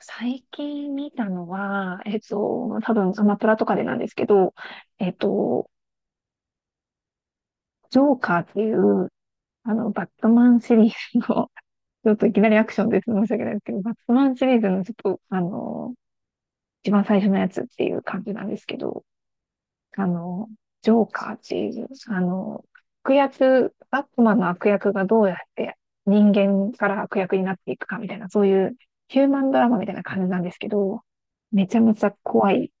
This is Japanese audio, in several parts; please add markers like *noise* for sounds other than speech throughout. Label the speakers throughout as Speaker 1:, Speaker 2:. Speaker 1: 最近見たのは、多分アマプラとかでなんですけど、えっと、ジョーカーっていう、バットマンシリーズの、*laughs* ちょっといきなりアクションです。申し訳ないですけど、バットマンシリーズのちょっと、一番最初のやつっていう感じなんですけど、あの、ジョーカーっていう、悪役、悪魔の悪役がどうやって人間から悪役になっていくかみたいな、そういうヒューマンドラマみたいな感じなんですけど、めちゃめちゃ怖い。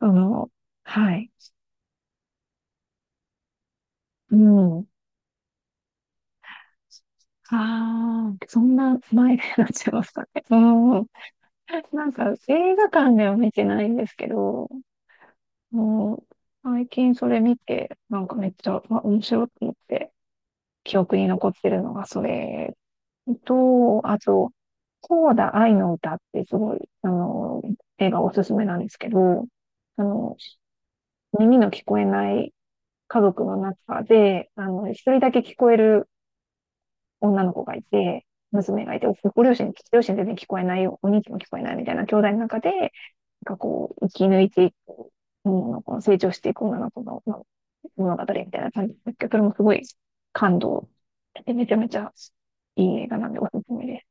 Speaker 1: その、はい。うん。ああ、そんな前になっちゃいましたね。うん。なんか映画館では見てないんですけど、もう最近それ見て、なんかめっちゃ、まあ、面白いと思って、記憶に残ってるのがそれと、あと、コーダ愛の歌ってすごい、映画おすすめなんですけど、あの、耳の聞こえない家族の中で、一人だけ聞こえる女の子がいて、娘がいて、ご両親、両親全然聞こえないよ、お兄貴も聞こえないみたいな兄弟の中で、なんかこう、生き抜いていく、女の子の成長していく女の子の物語みたいな感じですけど、それもすごい感動して、めちゃめちゃいい映画なんでおすすめです。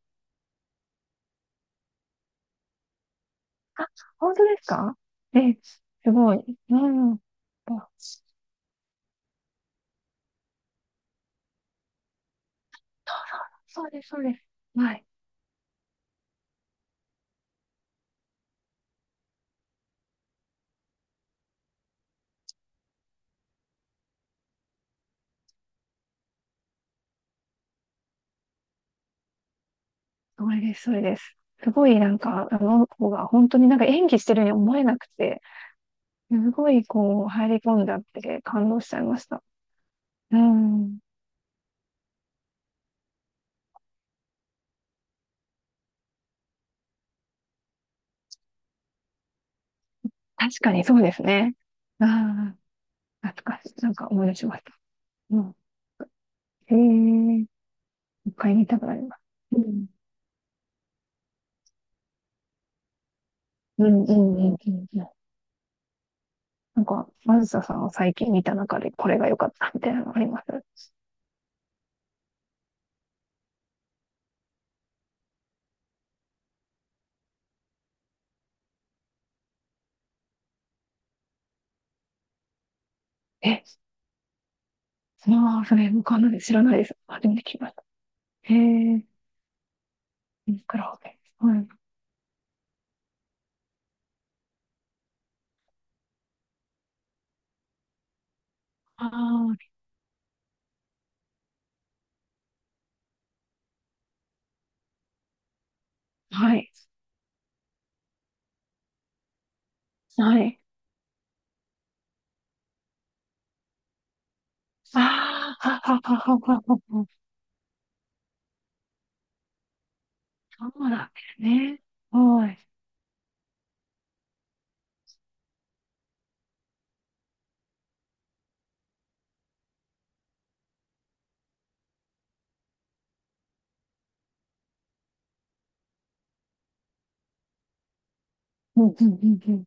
Speaker 1: あ、本当ですか？え、すごい。うん。あそうそうです、そうです。はい。それです、それです。すごいなんか、あの子が本当になんか演技してるように思えなくて、すごいこう入り込んじゃって感動しちゃいました。うん。確かにそうですね。ああ、懐かしい。なんか思い出しました。うん。へえ、一回見たくなります。うん。うん、うん、うん、うん。うん、なんか、マずささんを最近見た中でこれが良かったみたいなのあります？え、まあ、それ、わかんないです知らないです。初めて聞きました。へえ、クラオケ。はい。ああ、はい。はい。ああ、はははははは。そうなんですね。はい。うん、うん、うん、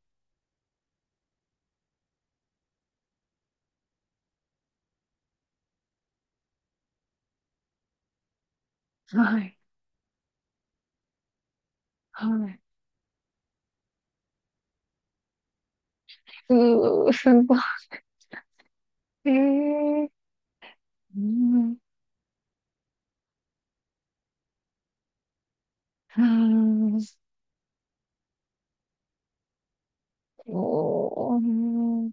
Speaker 1: うん。はい。はい。うー、すごい。えー、うん。うん。おー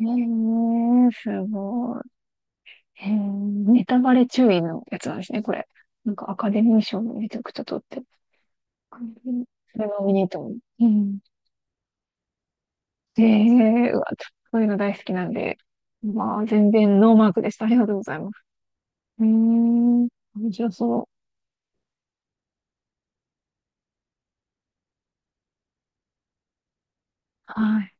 Speaker 1: えー、すごい。えー、ネタバレ注意のやつなんですね、これ。なんかアカデミー賞もめちゃくちゃ取ってる。うん、それが見に行っても。うん。えー、うわ、そういうの大好きなんで。まあ、全然ノーマークでした。ありがとうございます。うーん。面白そう。はい。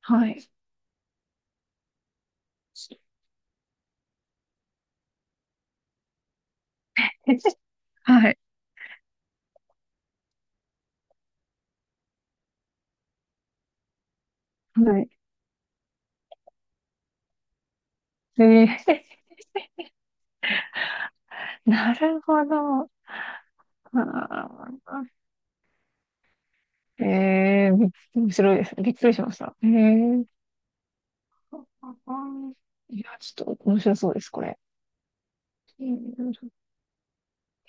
Speaker 1: はい。*laughs* はい。はい。えー、*laughs* なるほど。あーえー、び面白いです。びっくりしました。えー、あーいや、ちょっと面白そうです、これ。えー、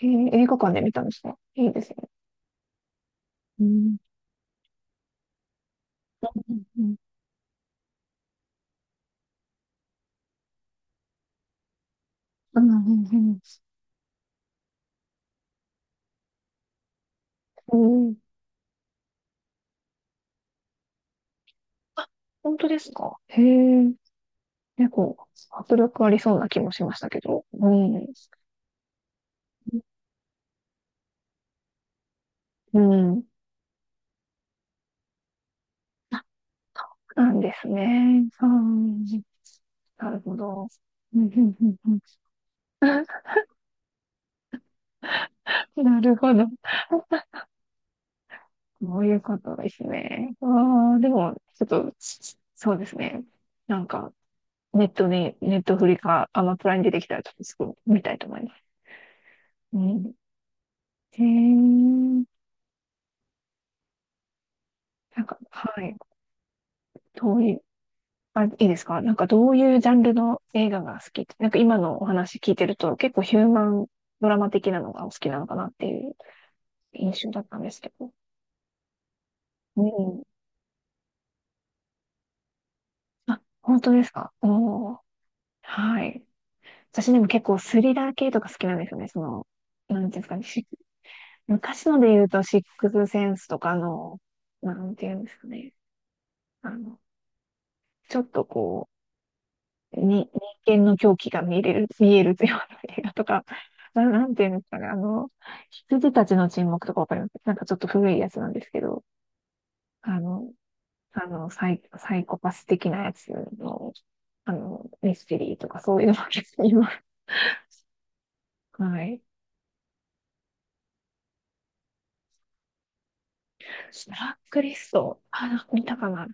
Speaker 1: えー映画館で見たんですか？いいですね。うん。うん。うん。うんうんうん、あ、本当ですか？へえ。結構、迫力ありそうな気もしましたけど。うん。うん。なんですね。うん。なるほど。うんうんうんうん *laughs* なるほど。そういうことですね。ああ、でも、ちょっと、そうですね。なんか、ネットに、ネットフリか、アマプラに出てきたら、ちょっとすぐ見たいと思います。うん。へえ、なんか、はい。どういう、あ、いいですか？なんか、どういうジャンルの映画が好きって、なんか今のお話聞いてると、結構ヒューマンドラマ的なのがお好きなのかなっていう印象だったんですけど。うん。あ、本当ですか？おはい。私でも結構スリラー系とか好きなんですよね。その、なんていうんですかね。し昔ので言うと、シックスセンスとかの、なんていうんですかね。あの、ちょっとこう、に、人間の狂気が見れる、見えるような映画とか、な、なんていうんですかね。羊たちの沈黙とかわかります？なんかちょっと古いやつなんですけど、あの、サイ、サイコパス的なやつの、ミステリーとかそういうのも結構今、はい。ブトラックリスト。あ、なんか見たかな。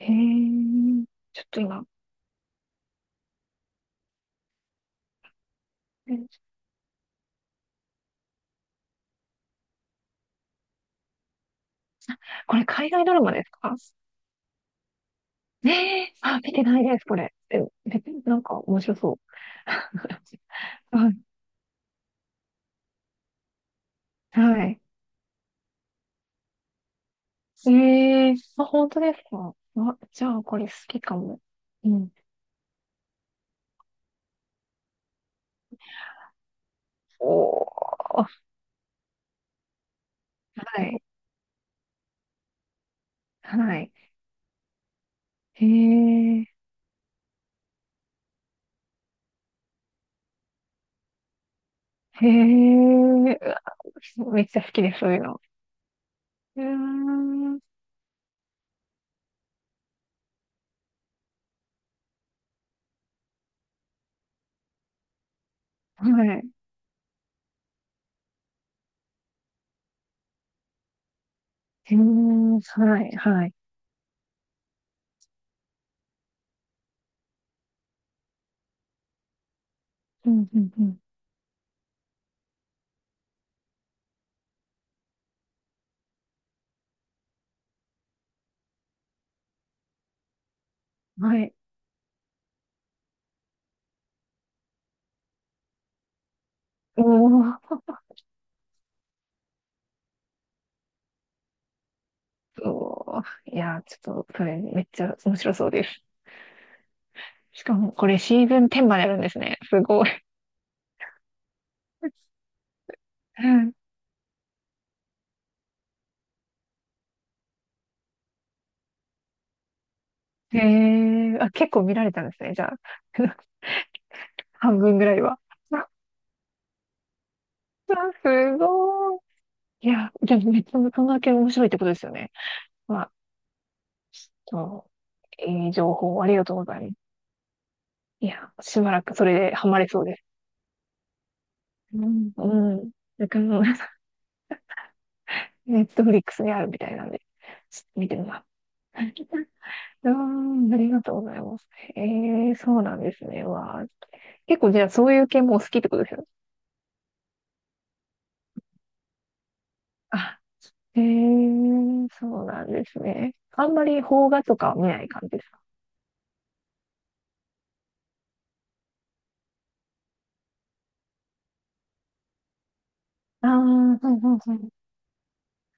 Speaker 1: へー、ちょっと今。これ海外ドラマですか？ねえ。あ、見てないです、これ。え、めなんか面白そう。*laughs* はい。はい。ええあ、本当ですか？あ、じゃあこれ好きかも。うん。おー。はい。はい。へえ。へえ。うわめっちゃ好きです、そういうの。うーん。はい。うーん。はい。はい。うん、うん、うん。はい。おー、そう。いやー、ちょっと、それめっちゃ面白そうです。しかも、これシーズン10まであるんですね。すごい。うん、へえ、あ、結構見られたんですね、じゃあ。*laughs* 半分ぐらいは。*laughs* あ、あすごい。いや、じゃあ、めっちゃそんだけ面白いってことですよね。まあ、そう、いい情報ありがとうございます。いや、しばらくそれでハマれそうです。うん。うん。だから、*laughs* ネットフリックスにあるみたいなんで、ちょっと見てみます。あーんありがとうございます。へえ、そうなんですね。わあ、結構じゃあそういう系もお好きってことですよ。あ、へえ、そうなんですね。あんまり邦画とかは見ない感じですか？ああー、はいはいはい。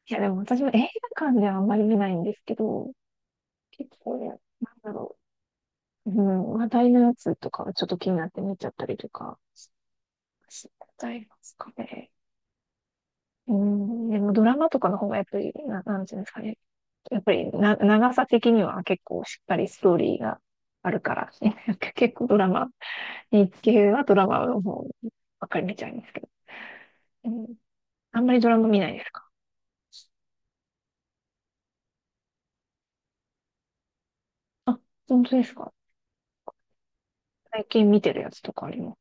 Speaker 1: いや、でも私も映画館ではあんまり見ないんですけど、結構ね、なんだろう。うん、話題のやつとかはちょっと気になって見ちゃったりとかしちゃいますかね。うん、でもドラマとかの方がやっぱり、な、なんていうんですかね。やっぱりな、長さ的には結構しっかりストーリーがあるから、ね *laughs* 結構ドラマ、日系はドラマの方ばっかり見ちゃいますけど、うん、あんまりドラマ見ないですか？あ、本当ですか？最近見てるやつとかあります？